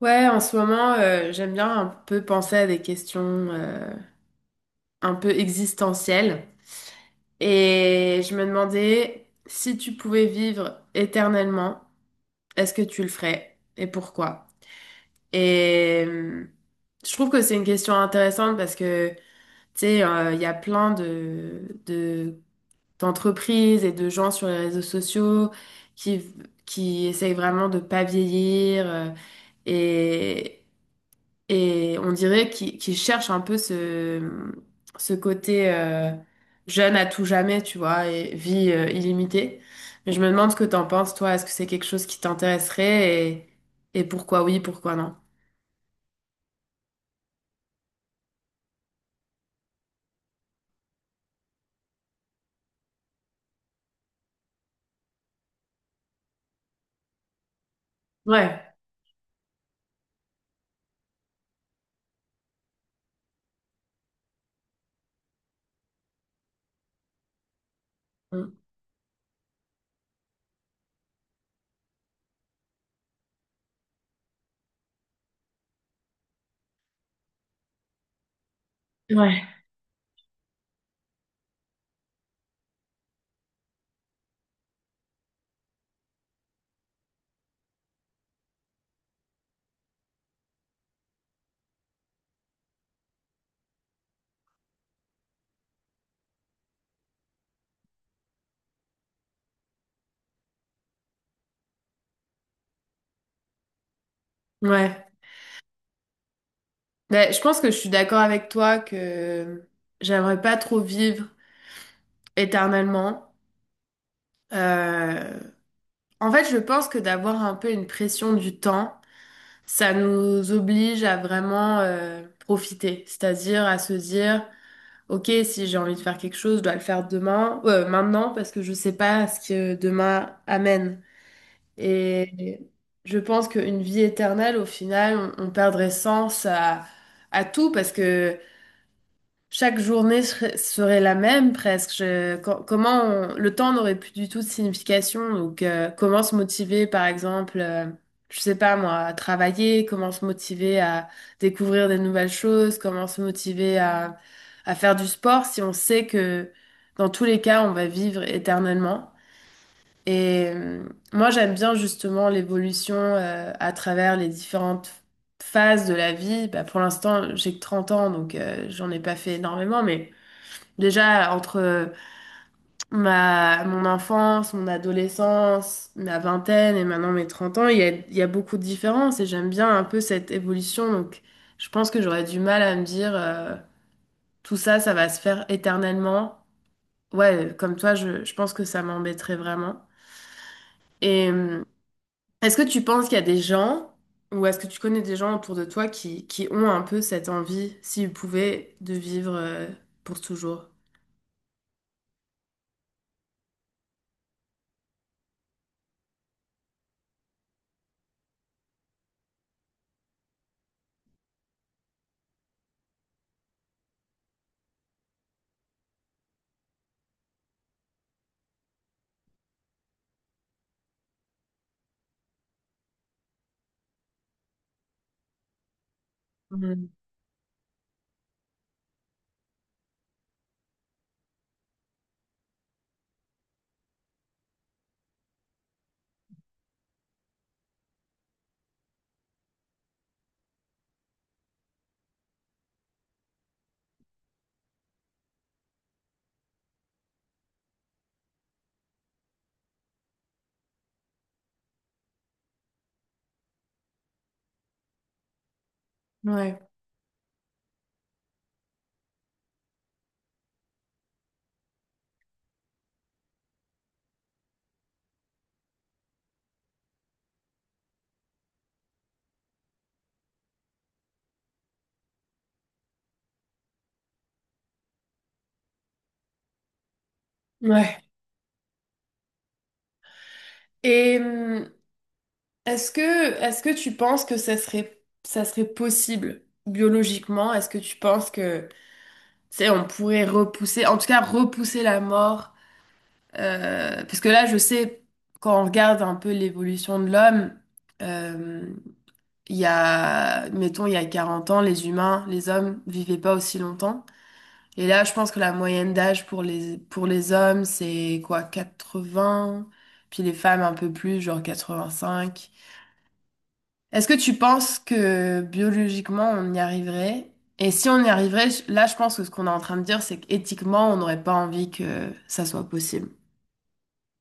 Ouais, en ce moment, j'aime bien un peu penser à des questions un peu existentielles. Et je me demandais si tu pouvais vivre éternellement, est-ce que tu le ferais et pourquoi? Et euh, je trouve que c'est une question intéressante parce que, tu sais, il y a plein d'entreprises et de gens sur les réseaux sociaux qui, qui essayent vraiment de pas vieillir. Et, Et on dirait qu'il cherche un peu ce, ce côté jeune à tout jamais, tu vois, et vie illimitée. Mais je me demande ce que t'en penses, toi. Est-ce que c'est quelque chose qui t'intéresserait et pourquoi oui, pourquoi non? Ouais. Ouais. Ouais. Ben, je pense que je suis d'accord avec toi que j'aimerais pas trop vivre éternellement. Euh, En fait, je pense que d'avoir un peu une pression du temps. Ça nous oblige à vraiment profiter, c'est-à-dire à se dire, ok, si j'ai envie de faire quelque chose, je dois le faire demain, maintenant, parce que je sais pas ce que demain amène. Et je pense qu'une vie éternelle, au final, on perdrait sens à tout, parce que chaque journée serait la même presque. Le temps n'aurait plus du tout de signification. Donc, comment se motiver, par exemple, je sais pas moi, à travailler, comment se motiver à découvrir des nouvelles choses, comment se motiver à faire du sport si on sait que dans tous les cas, on va vivre éternellement. Et euh, Moi, j'aime bien justement l'évolution à travers les différentes phases de la vie, bah, pour l'instant, j'ai que 30 ans, donc j'en ai pas fait énormément, mais déjà, entre mon enfance, mon adolescence, ma vingtaine et maintenant mes 30 ans, il y a beaucoup de différences et j'aime bien un peu cette évolution. Donc, je pense que j'aurais du mal à me dire tout ça, ça va se faire éternellement. Ouais, comme toi, je pense que ça m'embêterait vraiment. Et euh, est-ce que tu penses qu'il y a des gens ou est-ce que tu connais des gens autour de toi qui ont un peu cette envie, s'ils pouvaient, de vivre pour toujours? Mhm. Ouais. Ouais. Et est-ce que, est-ce que tu penses que ça serait possible biologiquement? Est-ce que tu penses que, tu sais, on pourrait repousser, en tout cas repousser la mort? Parce que là, je sais, quand on regarde un peu l'évolution de l'homme, euh, il y a, mettons, il y a 40 ans, les humains, les hommes vivaient pas aussi longtemps. Et là, je pense que la moyenne d'âge pour les hommes, c'est quoi, 80? Puis les femmes un peu plus, genre 85. Est-ce que tu penses que biologiquement on y arriverait? Et si on y arriverait, là je pense que ce qu'on est en train de dire, c'est qu'éthiquement on n'aurait pas envie que ça soit possible.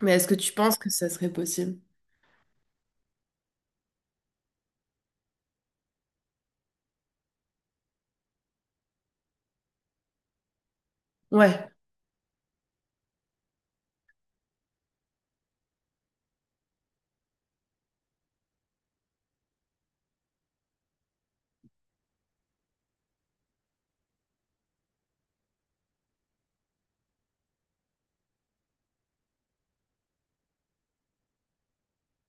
Mais est-ce que tu penses que ça serait possible? Ouais.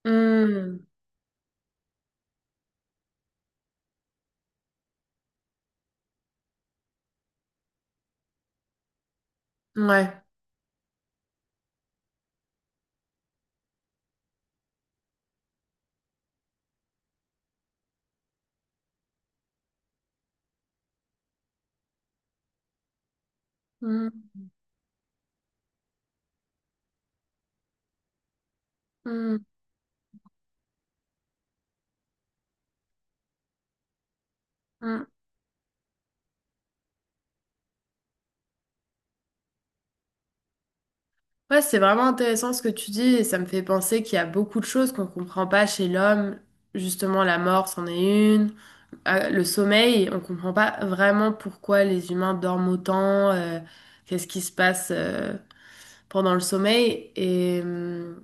Hmm. Ouais. Hmm. Hmm. Hmm. Ouais, c'est vraiment intéressant ce que tu dis et ça me fait penser qu'il y a beaucoup de choses qu'on comprend pas chez l'homme. Justement, la mort, c'en est une. Ah, le sommeil, on comprend pas vraiment pourquoi les humains dorment autant. Qu'est-ce qui se passe pendant le sommeil.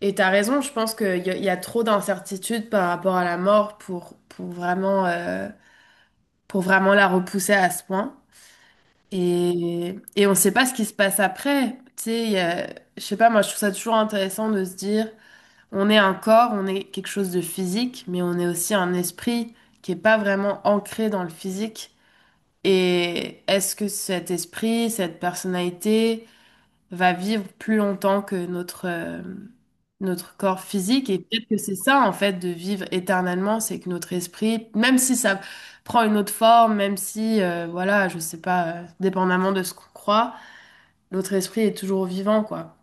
Et t'as raison, je pense il y a trop d'incertitudes par rapport à la mort pour vraiment la repousser à ce point. Et on ne sait pas ce qui se passe après. Tu sais, je sais pas, moi je trouve ça toujours intéressant de se dire, on est un corps, on est quelque chose de physique, mais on est aussi un esprit qui est pas vraiment ancré dans le physique. Et est-ce que cet esprit, cette personnalité, va vivre plus longtemps que notre, notre corps physique. Et peut-être que c'est ça, en fait, de vivre éternellement, c'est que notre esprit, même si ça prend une autre forme, même si, voilà, je sais pas, dépendamment de ce qu'on croit, notre esprit est toujours vivant, quoi.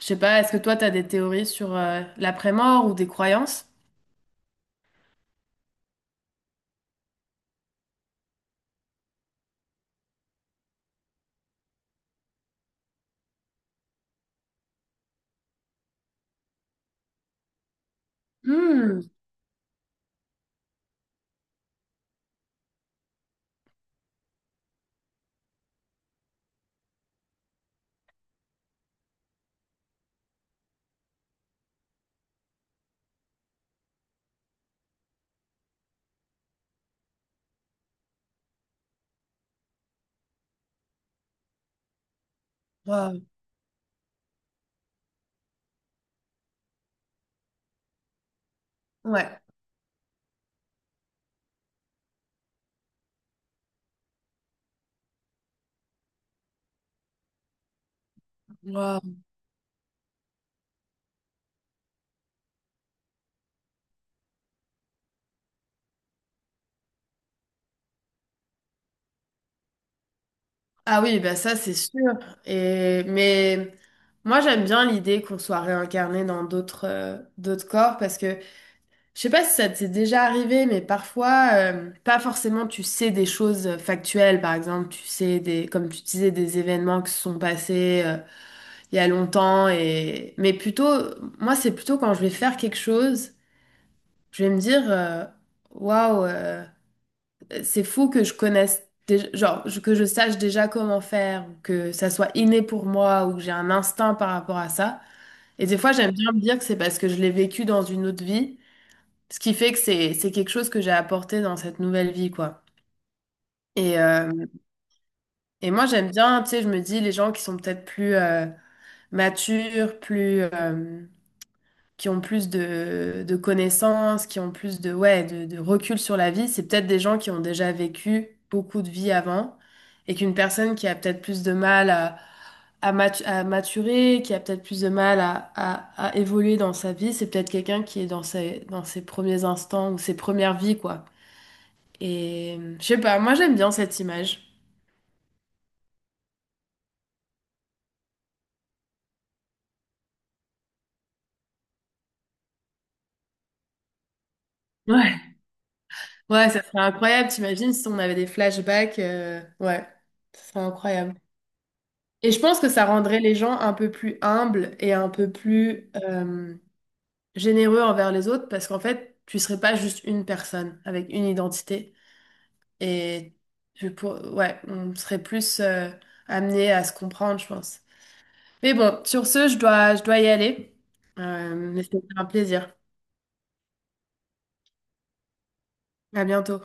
Je sais pas, est-ce que toi, t'as des théories sur l'après-mort ou des croyances? Hmm. Waouh. Ouais. Waouh. Ah oui, bah ça c'est sûr. Et mais moi j'aime bien l'idée qu'on soit réincarné dans d'autres d'autres corps parce que je sais pas si ça t'est déjà arrivé, mais parfois pas forcément tu sais des choses factuelles. Par exemple, tu sais des comme tu disais des événements qui se sont passés il y a longtemps et mais plutôt moi c'est plutôt quand je vais faire quelque chose, je vais me dire waouh. C'est fou que je connaisse, genre, que je sache déjà comment faire, ou que ça soit inné pour moi, ou que j'ai un instinct par rapport à ça. Et des fois, j'aime bien me dire que c'est parce que je l'ai vécu dans une autre vie, ce qui fait que c'est quelque chose que j'ai apporté dans cette nouvelle vie, quoi. Et, euh, et moi, j'aime bien, tu sais, je me dis, les gens qui sont peut-être plus matures, plus... qui ont plus de connaissances, qui ont plus de, ouais, de recul sur la vie, c'est peut-être des gens qui ont déjà vécu beaucoup de vie avant et qu'une personne qui a peut-être plus de mal à, à maturer, qui a peut-être plus de mal à évoluer dans sa vie, c'est peut-être quelqu'un qui est dans ses premiers instants ou ses premières vies, quoi. Et je sais pas, moi j'aime bien cette image. Ouais. Ouais, ça serait incroyable, t'imagines si on avait des flashbacks, ouais, ça serait incroyable. Et je pense que ça rendrait les gens un peu plus humbles et un peu plus généreux envers les autres parce qu'en fait, tu serais pas juste une personne avec une identité. Et ouais, on serait plus amené à se comprendre, je pense. Mais bon, sur ce, je dois y aller. Mais c'était un plaisir. À bientôt.